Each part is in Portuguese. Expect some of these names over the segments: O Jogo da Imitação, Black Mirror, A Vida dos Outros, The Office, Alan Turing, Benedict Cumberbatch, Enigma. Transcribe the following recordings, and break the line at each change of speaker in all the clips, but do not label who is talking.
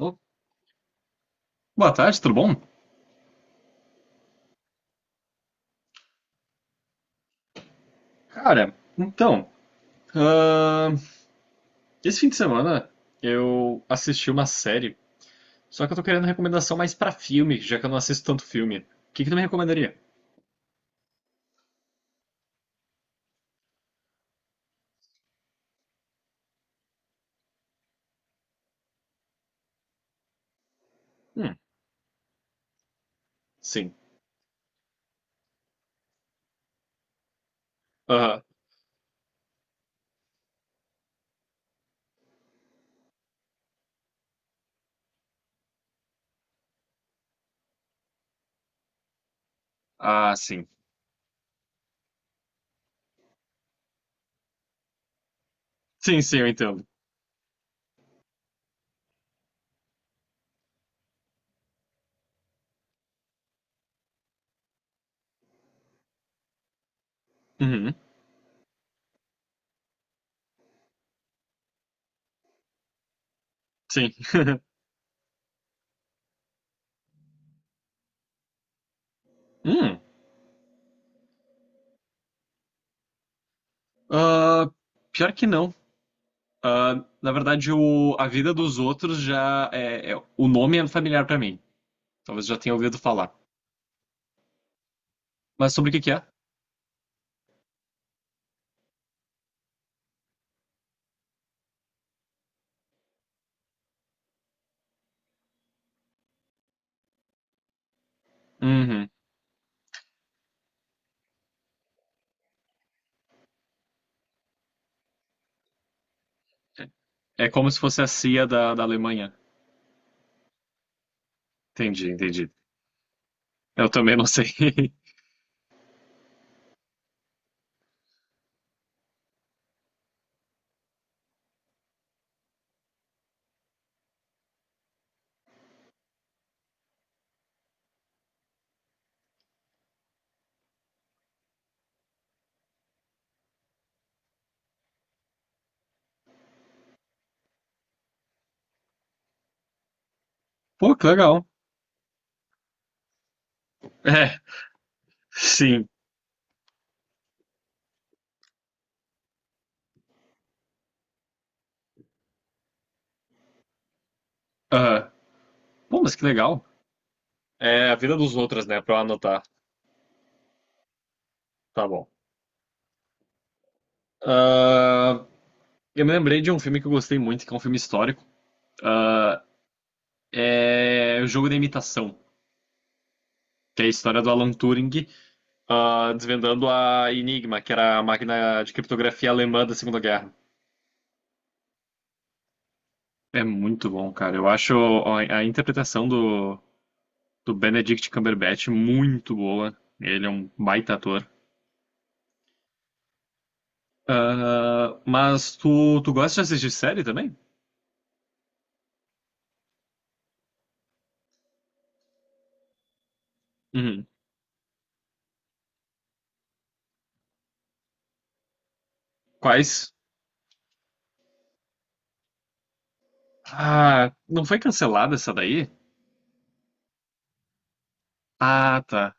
Oh, boa tarde, tudo bom? Cara, então, ahn, esse fim de semana eu assisti uma série, só que eu tô querendo recomendação mais pra filme, já que eu não assisto tanto filme. O que que tu me recomendaria? Hum, sim. Aham. Ah, sim. Sim, sim, eu entendo. Uhum, sim. Hum, ah, pior que não. Ah, na verdade, A Vida dos Outros já é, o nome é familiar pra mim. Talvez já tenha ouvido falar. Mas sobre o que que é? Uhum. É como se fosse a CIA da Alemanha. Entendi, entendi. Eu também não sei. Pô, que legal. É, sim. Ah, pô, mas que legal. É a vida dos outros, né? Pra eu anotar. Tá bom. Ah, eu me lembrei de um filme que eu gostei muito, que é um filme histórico. Ah, é O Jogo da Imitação, que é a história do Alan Turing, ah, desvendando a Enigma, que era a máquina de criptografia alemã da Segunda Guerra. É muito bom, cara. Eu acho a interpretação do Benedict Cumberbatch muito boa. Ele é um baita ator. Ah, mas tu gosta de assistir série também? Uhum. Quais? Ah, não foi cancelada essa daí? Ah, tá.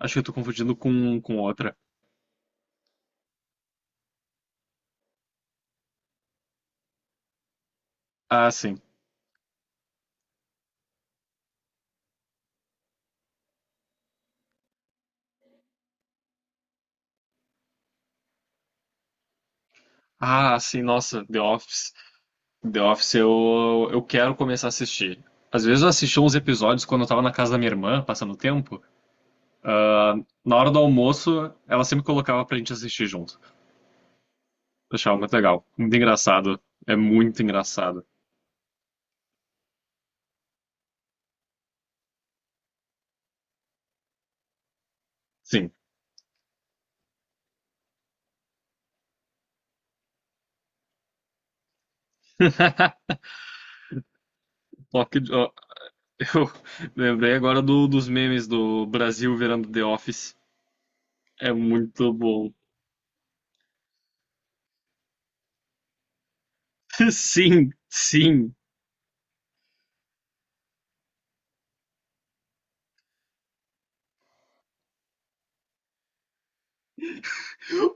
Acho que eu tô confundindo com outra. Ah, sim. Ah, sim, nossa, The Office. The Office eu quero começar a assistir. Às vezes eu assisti uns episódios quando eu tava na casa da minha irmã, passando o tempo. Ah, na hora do almoço, ela sempre colocava pra gente assistir junto. Eu achava muito legal. Muito engraçado. É muito engraçado. Sim. Toque de- Eu lembrei agora dos memes do Brasil virando The Office. É muito bom. Sim, sim.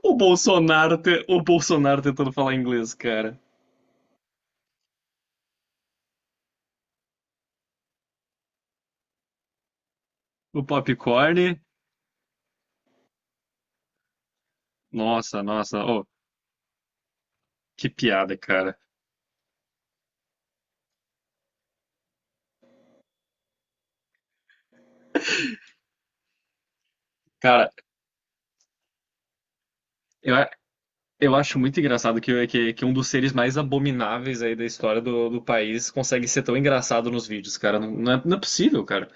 O Bolsonaro tentando falar inglês, cara. O Popcorn. Nossa, nossa. Oh, que piada, cara. Cara, eu, a- eu acho muito engraçado que um dos seres mais abomináveis aí da história do país consegue ser tão engraçado nos vídeos, cara. Não, não é possível, cara.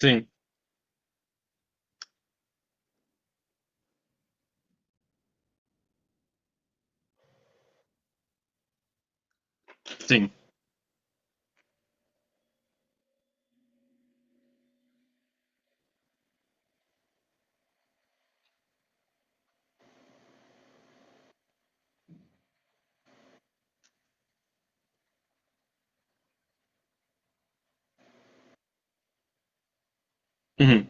Sim, sim. Uhum.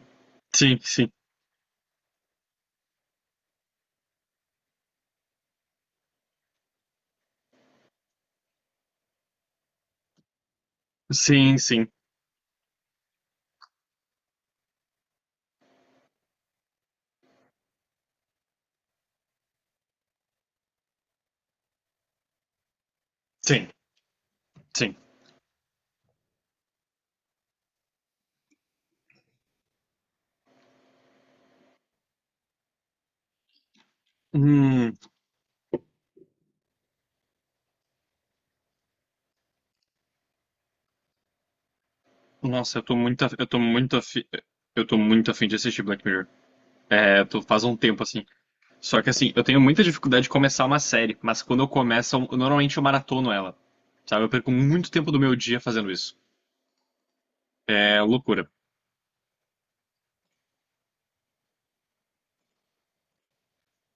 Sim, sim. Sim, sim. Sim, sim. Hum. Nossa, eu tô muito afim, eu tô muito afim de assistir Black Mirror. É, eu tô, faz um tempo assim. Só que assim, eu tenho muita dificuldade de começar uma série, mas quando eu começo, normalmente eu maratono ela. Sabe? Eu perco muito tempo do meu dia fazendo isso. É loucura.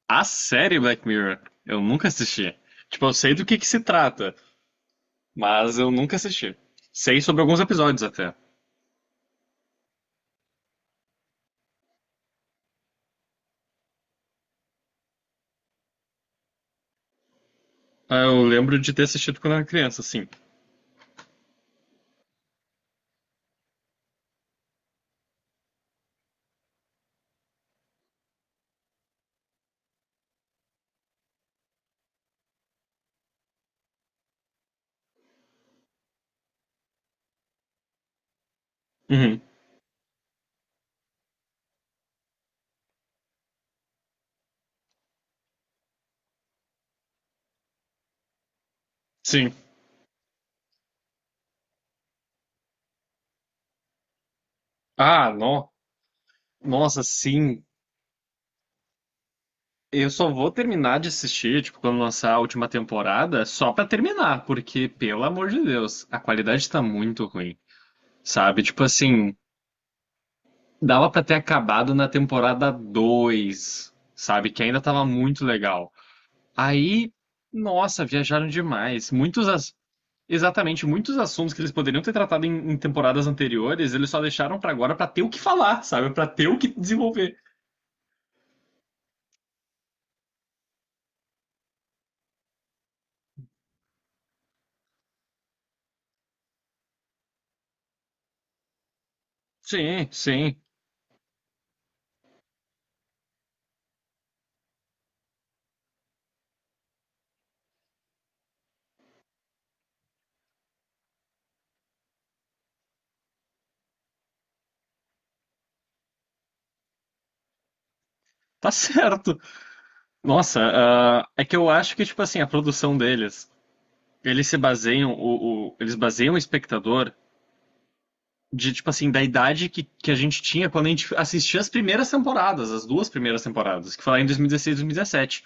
A série Black Mirror, eu nunca assisti. Tipo, eu sei do que se trata, mas eu nunca assisti. Sei sobre alguns episódios até. Ah, eu lembro de ter assistido quando eu era criança, sim. Uhum. Sim. Ah, no... nossa, sim. Eu só vou terminar de assistir, tipo, quando lançar a última temporada, só pra terminar, porque, pelo amor de Deus, a qualidade tá muito ruim, sabe? Tipo assim, dava pra ter acabado na temporada 2, sabe? Que ainda tava muito legal. Aí, nossa, viajaram demais. Exatamente, muitos assuntos que eles poderiam ter tratado em temporadas anteriores, eles só deixaram pra agora pra ter o que falar, sabe? Pra ter o que desenvolver. Sim, sim, tá certo. Nossa, ah, é que eu acho que, tipo assim, a produção deles, eles se baseiam, eles baseiam o espectador de, tipo assim, da idade que a gente tinha quando a gente assistia as primeiras temporadas, as duas primeiras temporadas, que foi lá em 2016 e 2017,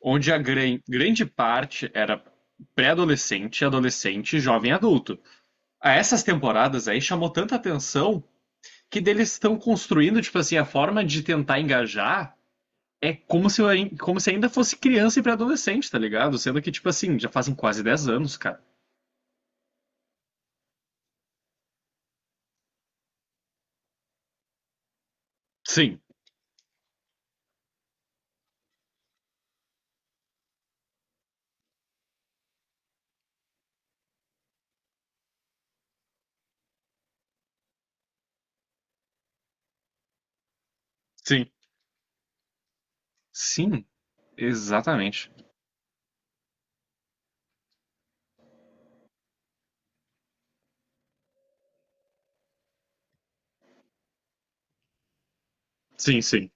onde a grande parte era pré-adolescente, adolescente, jovem adulto. A essas temporadas aí chamou tanta atenção que eles estão construindo, tipo assim, a forma de tentar engajar é como se eu, como se ainda fosse criança e pré-adolescente, tá ligado? Sendo que, tipo assim, já fazem quase 10 anos, cara. Sim, sim. Sim, exatamente. Sim, sim.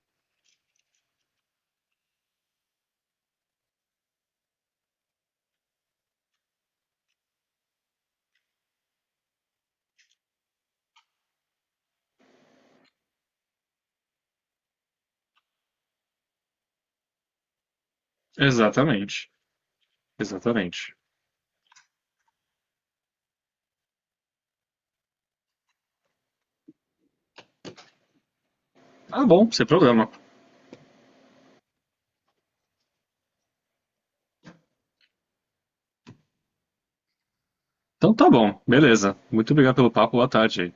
Exatamente. Exatamente. Tá bom, sem problema. Então tá bom, beleza. Muito obrigado pelo papo, boa tarde.